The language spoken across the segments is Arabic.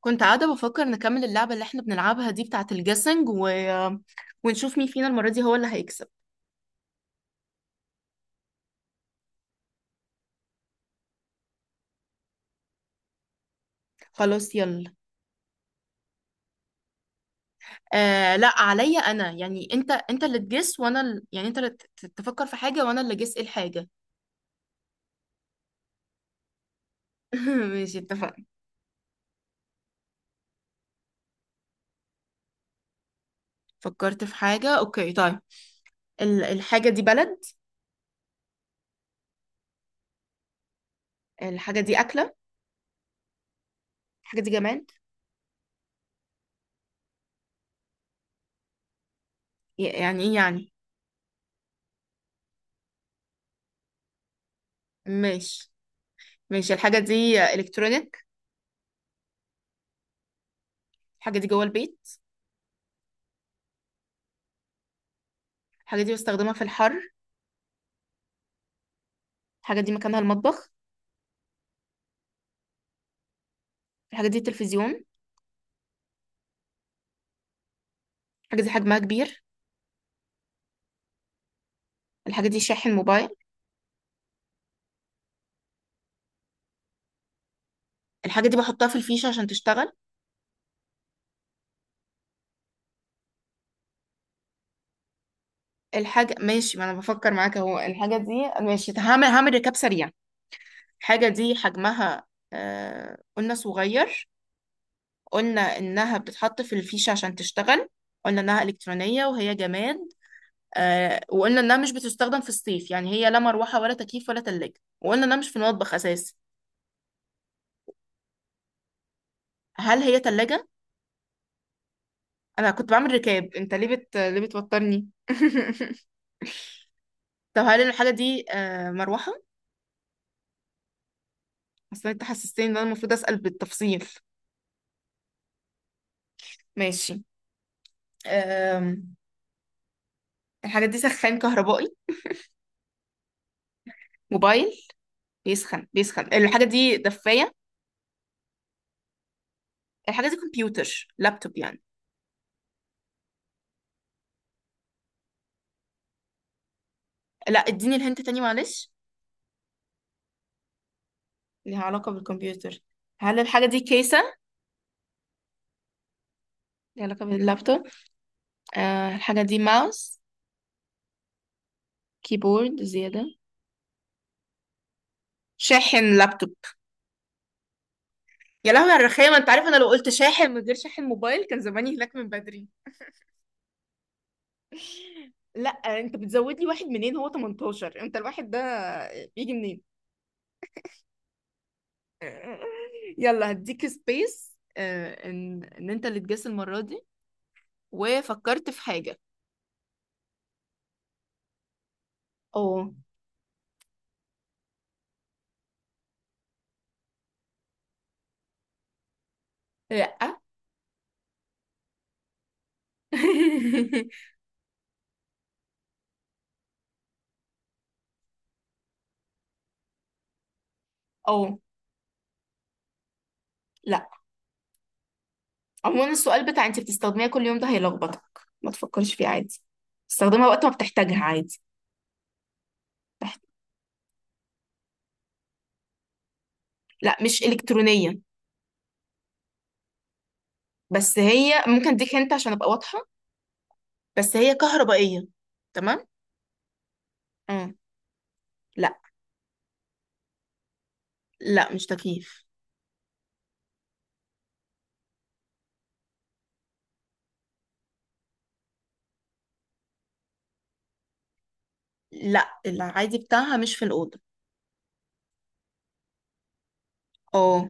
كنت قاعدة بفكر نكمل اللعبة اللي احنا بنلعبها دي بتاعة الجيسنج ونشوف مين فينا المرة دي هو اللي هيكسب. خلاص يلا. آه لا عليا انا، يعني انت اللي تجس وانا يعني انت اللي تفكر في حاجة وانا اللي جس الحاجة. ماشي اتفقنا. فكرت في حاجة، اوكي طيب. الحاجة دي بلد؟ الحاجة دي أكلة؟ الحاجة دي جماد؟ يعني ايه يعني؟ ماشي. ماشي، الحاجة دي الكترونيك؟ الحاجة دي جوه البيت؟ الحاجة دي بستخدمها في الحر؟ الحاجة دي مكانها المطبخ؟ الحاجة دي التلفزيون؟ الحاجة دي حجمها كبير؟ الحاجة دي شاحن موبايل؟ الحاجة دي بحطها في الفيشة عشان تشتغل؟ الحاجة ماشي، ما أنا بفكر معاك أهو. الحاجة دي ماشي، هعمل ركاب سريع. الحاجة دي حجمها قلنا صغير. قلنا إنها بتتحط في الفيشة عشان تشتغل. قلنا إنها إلكترونية وهي جماد. وقلنا إنها مش بتستخدم في الصيف، يعني هي لا مروحة ولا تكييف ولا تلاجة، وقلنا إنها مش في المطبخ أساسا. هل هي تلاجة؟ أنا كنت بعمل ركاب، أنت ليه ليه بتوترني؟ طب هل الحاجة دي مروحة؟ اصل انت حسستني ان انا المفروض اسال بالتفصيل. ماشي. أم... الحاجه دي سخان كهربائي؟ موبايل؟ بيسخن، بيسخن. الحاجه دي دفايه؟ الحاجه دي كمبيوتر لابتوب يعني؟ لا اديني الهنت تاني معلش. ليها علاقه بالكمبيوتر. هل الحاجه دي كيسه؟ ليها علاقه باللابتوب. أه، الحاجه دي ماوس؟ كيبورد زياده؟ شاحن لابتوب؟ يا لهوي على الرخامه، انت عارف انا لو قلت شاحن من غير شاحن موبايل كان زماني هناك من بدري. لا انت بتزود لي واحد منين، هو 18؟ انت الواحد ده بيجي منين؟ يلا هديك سبيس، ان انت اللي تجس المرة دي وفكرت في حاجة. اه. لا. اه. لا. عموما السؤال بتاع انت بتستخدميها كل يوم ده هيلخبطك، ما تفكرش فيه عادي، استخدمها وقت ما بتحتاجها عادي. تحت... لا مش إلكترونية، بس هي ممكن اديك انت عشان ابقى واضحة، بس هي كهربائية. تمام. اه. لا. لا مش تكييف. لا العادي بتاعها مش في الأوضة. اه.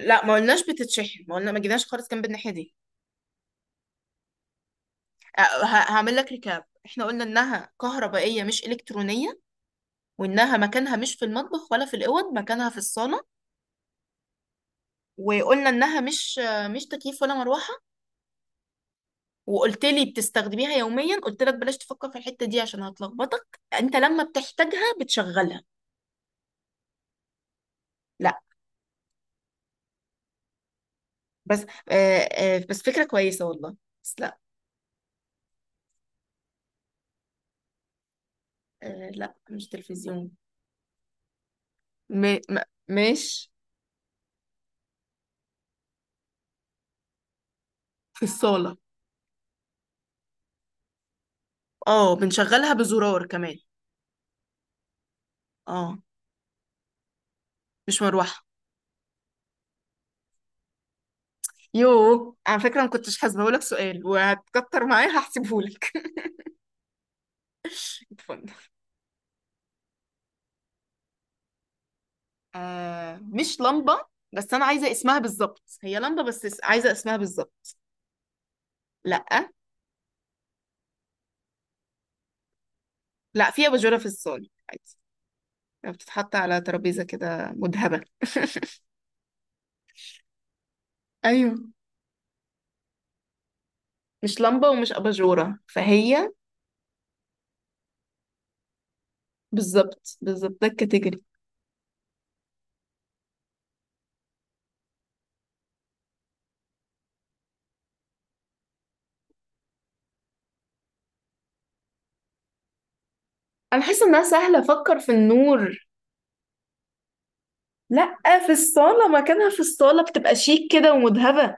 لا ما قلناش بتتشحن، ما قلنا، ما جيناش خالص جنب الناحيه دي. أه، هعمل لك ريكاب، احنا قلنا انها كهربائيه مش الكترونيه، وانها مكانها مش في المطبخ ولا في الاوض، مكانها في الصاله، وقلنا انها مش آه، مش تكييف ولا مروحه، وقلت لي بتستخدميها يوميا، قلت لك بلاش تفكر في الحته دي عشان هتلخبطك، انت لما بتحتاجها بتشغلها. لا. بس آه آه بس فكره كويسه والله، بس لا. آه لا مش تلفزيون. م... م... مش. في الصاله. اه بنشغلها بزرار كمان. اه. مش مروحة. يوه على فكرة، ما كنتش هسيبهولك سؤال، وهتكتر معايا هحسبهولك. اتفضل. آه مش لمبة؟ بس أنا عايزة اسمها بالظبط، هي لمبة بس عايزة اسمها بالظبط. لأ. لأ، في أباجورة في الصالة عادي، يعني بتتحط على ترابيزة كده مذهبة. ايوه. مش لمبة ومش أباجورة فهي؟ بالظبط بالظبط، ده الكاتيجوري. أنا حاسة إنها سهلة، أفكر في النور. لأ. في الصالة، مكانها في الصالة، بتبقى شيك كده ومذهبة.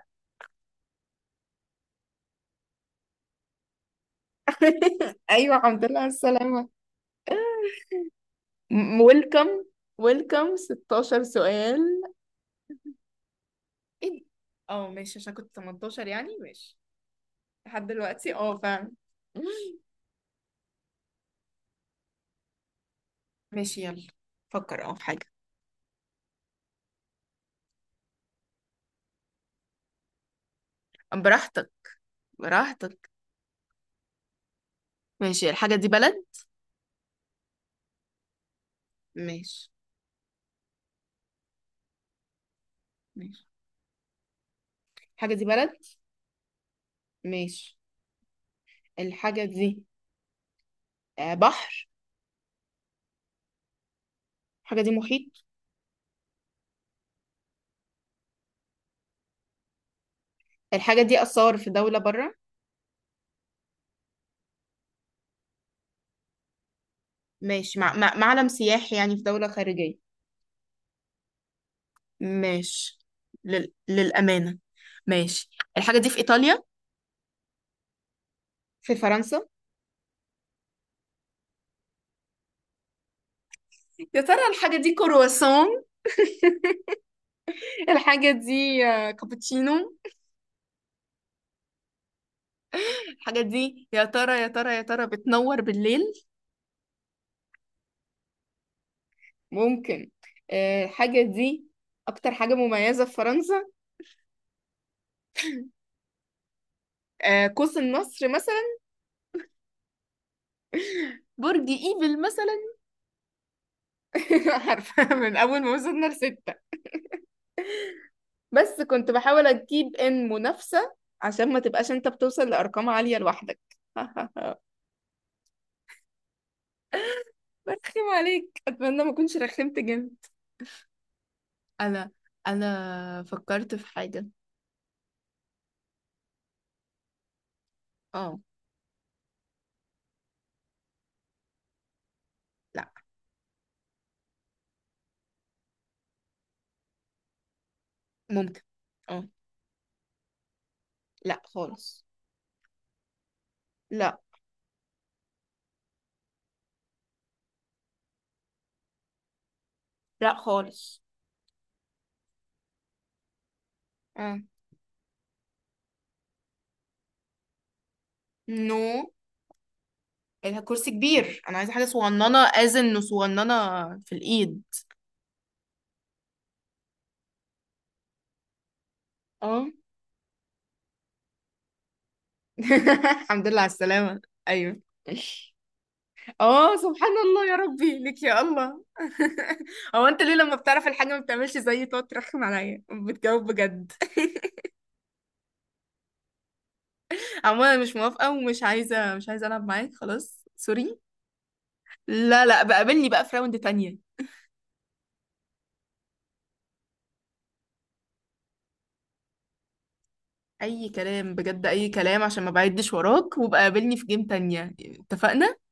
أيوة الحمد لله على السلامة. ويلكم. ويلكم 16 سؤال. ايه ده؟ اه ماشي، عشان كنت 18 يعني، ماشي لحد دلوقتي اه فعلا. ماشي يلا، فكر اه في حاجة. براحتك، براحتك. ماشي. الحاجة دي بلد؟ ماشي. ماشي. الحاجة دي بلد؟ ماشي. الحاجة دي آه، بحر؟ الحاجة دي محيط؟ الحاجة دي آثار في دولة برا؟ ماشي، معلم سياحي يعني في دولة خارجية؟ ماشي. للأمانة. ماشي. الحاجة دي في إيطاليا؟ في فرنسا؟ يا ترى الحاجة دي كرواسون؟ الحاجة دي آه، كابتشينو؟ الحاجة دي يا ترى يا ترى يا ترى بتنور بالليل؟ ممكن. آه، الحاجة دي أكتر حاجة مميزة في فرنسا. آه، قوس النصر مثلا؟ برج ايفل مثلا؟ عارفة من أول ما وصلنا لستة، بس كنت بحاول أجيب إن منافسة عشان ما تبقاش أنت بتوصل لأرقام عالية لوحدك. برخم عليك، أتمنى ما أكونش رخمت جامد. انا انا فكرت في حاجة. اه. لا. ممكن. اه. لا خالص. لا. لا خالص. اه. نو، الكرسي كبير، انا عايزه حاجه صغننه، از انه صغننه. في الايد. اه. الحمد لله على السلامه. ايوه. اه سبحان الله، يا ربي لك يا الله. هو انت ليه لما بتعرف الحاجه ما بتعملش زيي، تقعد ترخم عليا، بتجاوب بجد. عموما انا مش موافقه ومش عايزه، مش عايزه العب معاك خلاص سوري. لا لا، بقابلني بقى في راوند تانية. اي كلام بجد، اي كلام، عشان ما بعدش وراك، وبقى قابلني في جيم تانية اتفقنا.